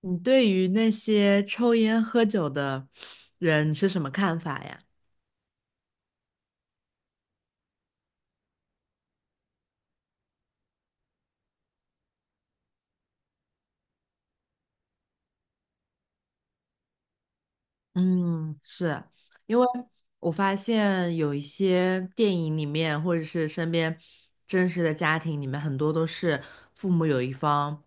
你对于那些抽烟喝酒的人是什么看法呀？嗯，是。因为我发现有一些电影里面，或者是身边真实的家庭里面，很多都是父母有一方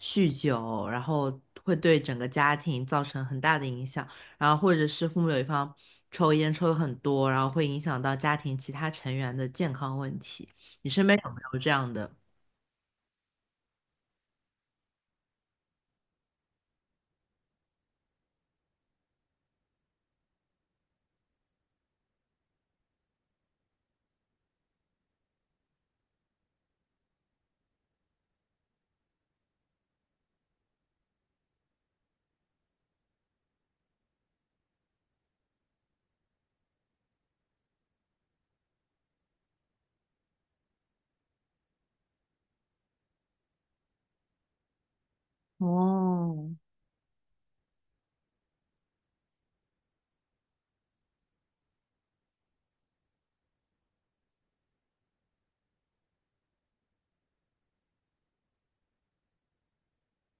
酗酒，然后会对整个家庭造成很大的影响，然后或者是父母有一方抽烟抽的很多，然后会影响到家庭其他成员的健康问题。你身边有没有这样的？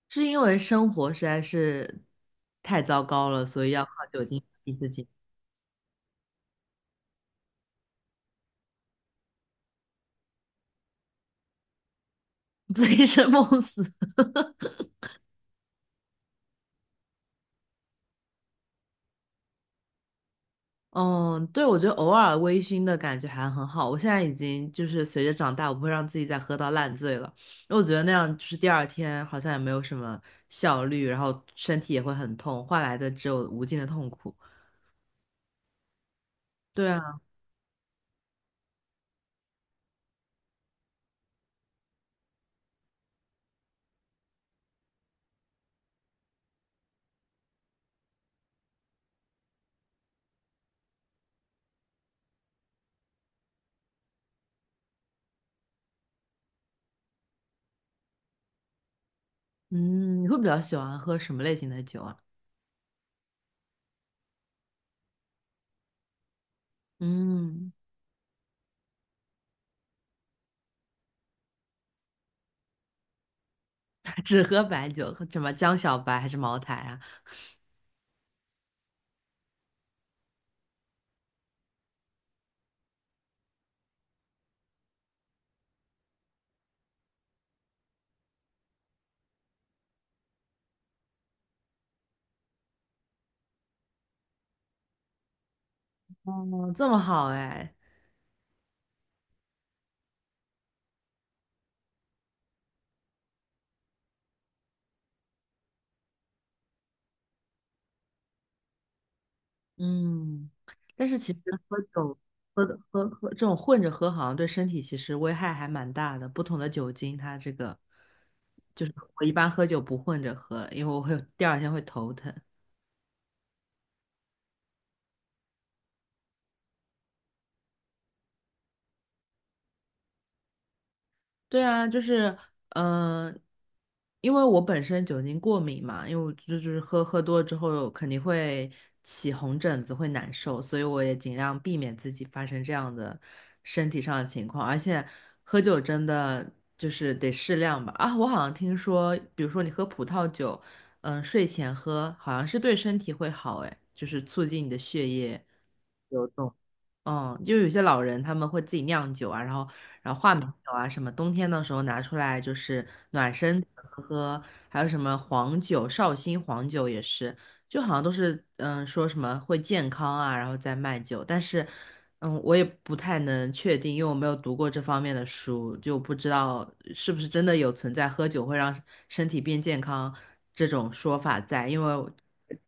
是因为生活实在是太糟糕了，所以要靠酒精逼自己 醉生梦死。嗯，对，我觉得偶尔微醺的感觉还很好。我现在已经就是随着长大，我不会让自己再喝到烂醉了，因为我觉得那样就是第二天好像也没有什么效率，然后身体也会很痛，换来的只有无尽的痛苦。对啊，嗯，你会比较喜欢喝什么类型的酒啊？嗯，只喝白酒，喝什么江小白还是茅台啊？哦，这么好哎。嗯，但是其实喝酒喝的喝喝这种混着喝，好像对身体其实危害还蛮大的。不同的酒精，它这个就是我一般喝酒不混着喝，因为我会第二天会头疼。对啊，就是，嗯、因为我本身酒精过敏嘛，因为我就是喝多了之后肯定会起红疹子，会难受，所以我也尽量避免自己发生这样的身体上的情况。而且喝酒真的就是得适量吧。啊，我好像听说，比如说你喝葡萄酒，嗯、睡前喝好像是对身体会好，哎，就是促进你的血液。流动。嗯，就有些老人他们会自己酿酒啊，然后话梅酒啊，什么冬天的时候拿出来就是暖身子喝喝，还有什么黄酒、绍兴黄酒也是，就好像都是嗯说什么会健康啊，然后再卖酒，但是嗯我也不太能确定，因为我没有读过这方面的书，就不知道是不是真的有存在喝酒会让身体变健康这种说法在，因为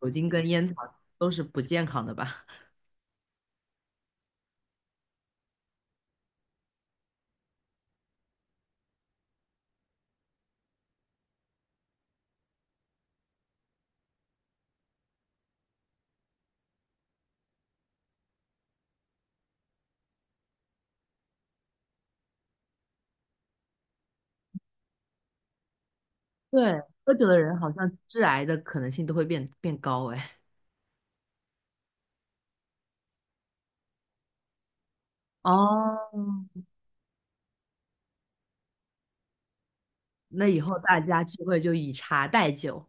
酒精跟烟草都是不健康的吧。对，喝酒的人好像致癌的可能性都会变高哎。哦 那以后大家聚会就以茶代酒。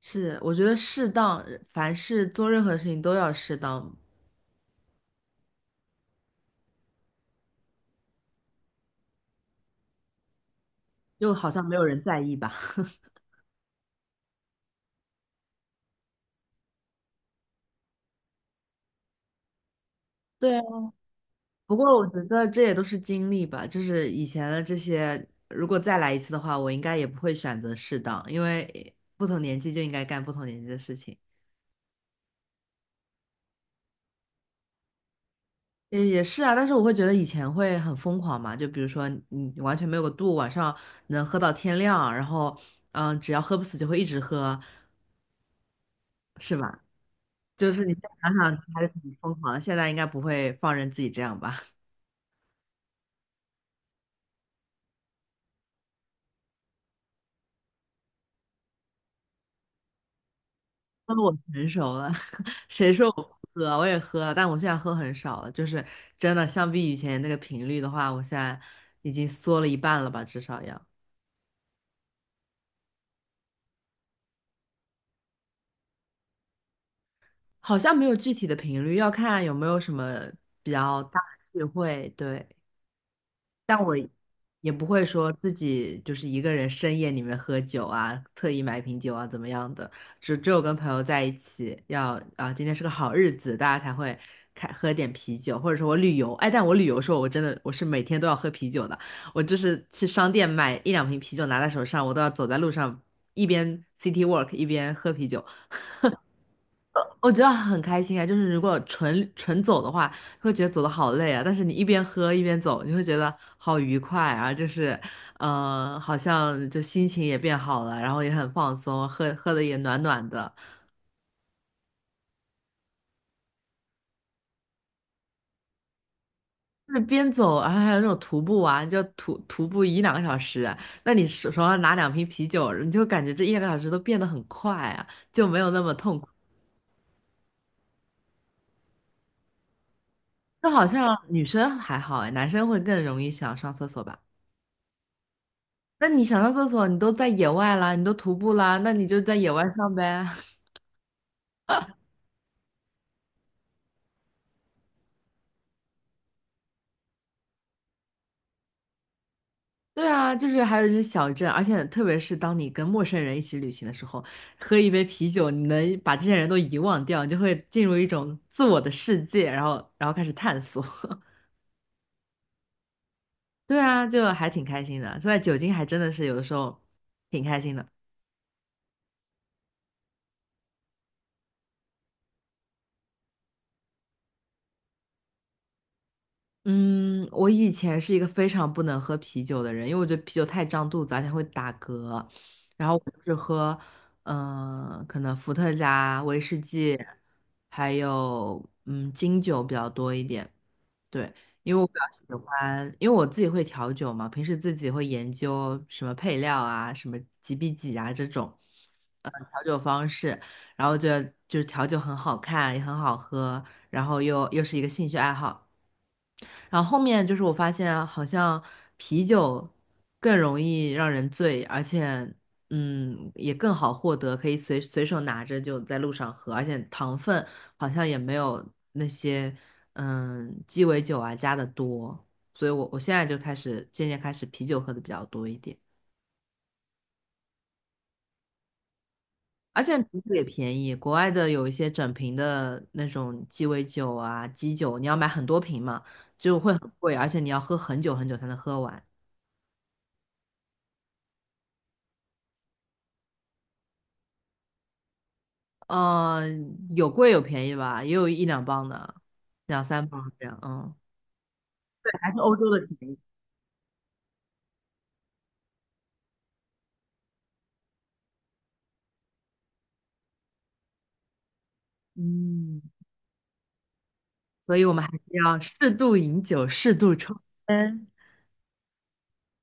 是，我觉得适当，凡事做任何事情都要适当，就好像没有人在意吧。对啊，不过我觉得这也都是经历吧，就是以前的这些，如果再来一次的话，我应该也不会选择适当，因为不同年纪就应该干不同年纪的事情。也是啊，但是我会觉得以前会很疯狂嘛，就比如说你完全没有个度，晚上能喝到天亮，然后嗯，只要喝不死就会一直喝，是吧？就是你现在想想还是很疯狂的现在应该不会放任自己这样吧？那我成熟了，谁说我不喝？我也喝了，但我现在喝很少了，就是真的相比以前那个频率的话，我现在已经缩了一半了吧，至少要。好像没有具体的频率，要看有没有什么比较大的聚会，对。但我也不会说自己就是一个人深夜里面喝酒啊，特意买瓶酒啊怎么样的，只有跟朋友在一起要啊，今天是个好日子，大家才会开喝点啤酒，或者说我旅游，哎，但我旅游的时候我真的我是每天都要喝啤酒的，我就是去商店买一两瓶啤酒拿在手上，我都要走在路上一边 city walk 一边喝啤酒，我觉得很开心啊，就是如果纯纯走的话，会觉得走的好累啊。但是你一边喝一边走，你会觉得好愉快啊，就是，好像就心情也变好了，然后也很放松，喝喝的也暖暖的。就是边走，然后还有那种徒步啊，你就徒步一两个小时啊，那你手上拿两瓶啤酒，你就感觉这一两个小时都变得很快啊，就没有那么痛苦。就好像女生还好哎，男生会更容易想上厕所吧。那你想上厕所，你都在野外啦，你都徒步啦，那你就在野外上呗。对啊，就是还有一些小镇，而且特别是当你跟陌生人一起旅行的时候，喝一杯啤酒，你能把这些人都遗忘掉，你就会进入一种自我的世界，然后开始探索。对啊，就还挺开心的，所以酒精还真的是有的时候挺开心的。嗯，我以前是一个非常不能喝啤酒的人，因为我觉得啤酒太胀肚子，而且会打嗝。然后我只喝，嗯、可能伏特加、威士忌，还有嗯金酒比较多一点。对，因为我比较喜欢，因为我自己会调酒嘛，平时自己会研究什么配料啊、什么几比几啊这种，呃，调酒方式。然后觉得就是调酒很好看，也很好喝，然后又是一个兴趣爱好。然后后面就是我发现啊，好像啤酒更容易让人醉，而且嗯也更好获得，可以随手拿着就在路上喝，而且糖分好像也没有那些嗯鸡尾酒啊加的多，所以我现在就开始渐渐开始啤酒喝的比较多一点，而且啤酒也便宜，国外的有一些整瓶的那种鸡尾酒啊基酒，你要买很多瓶嘛，就会很贵，而且你要喝很久很久才能喝完。嗯，有贵有便宜吧，也有一两磅的，两三磅这样，嗯对，还是欧洲的便宜。嗯，所以我们还是要适度饮酒，适度抽烟。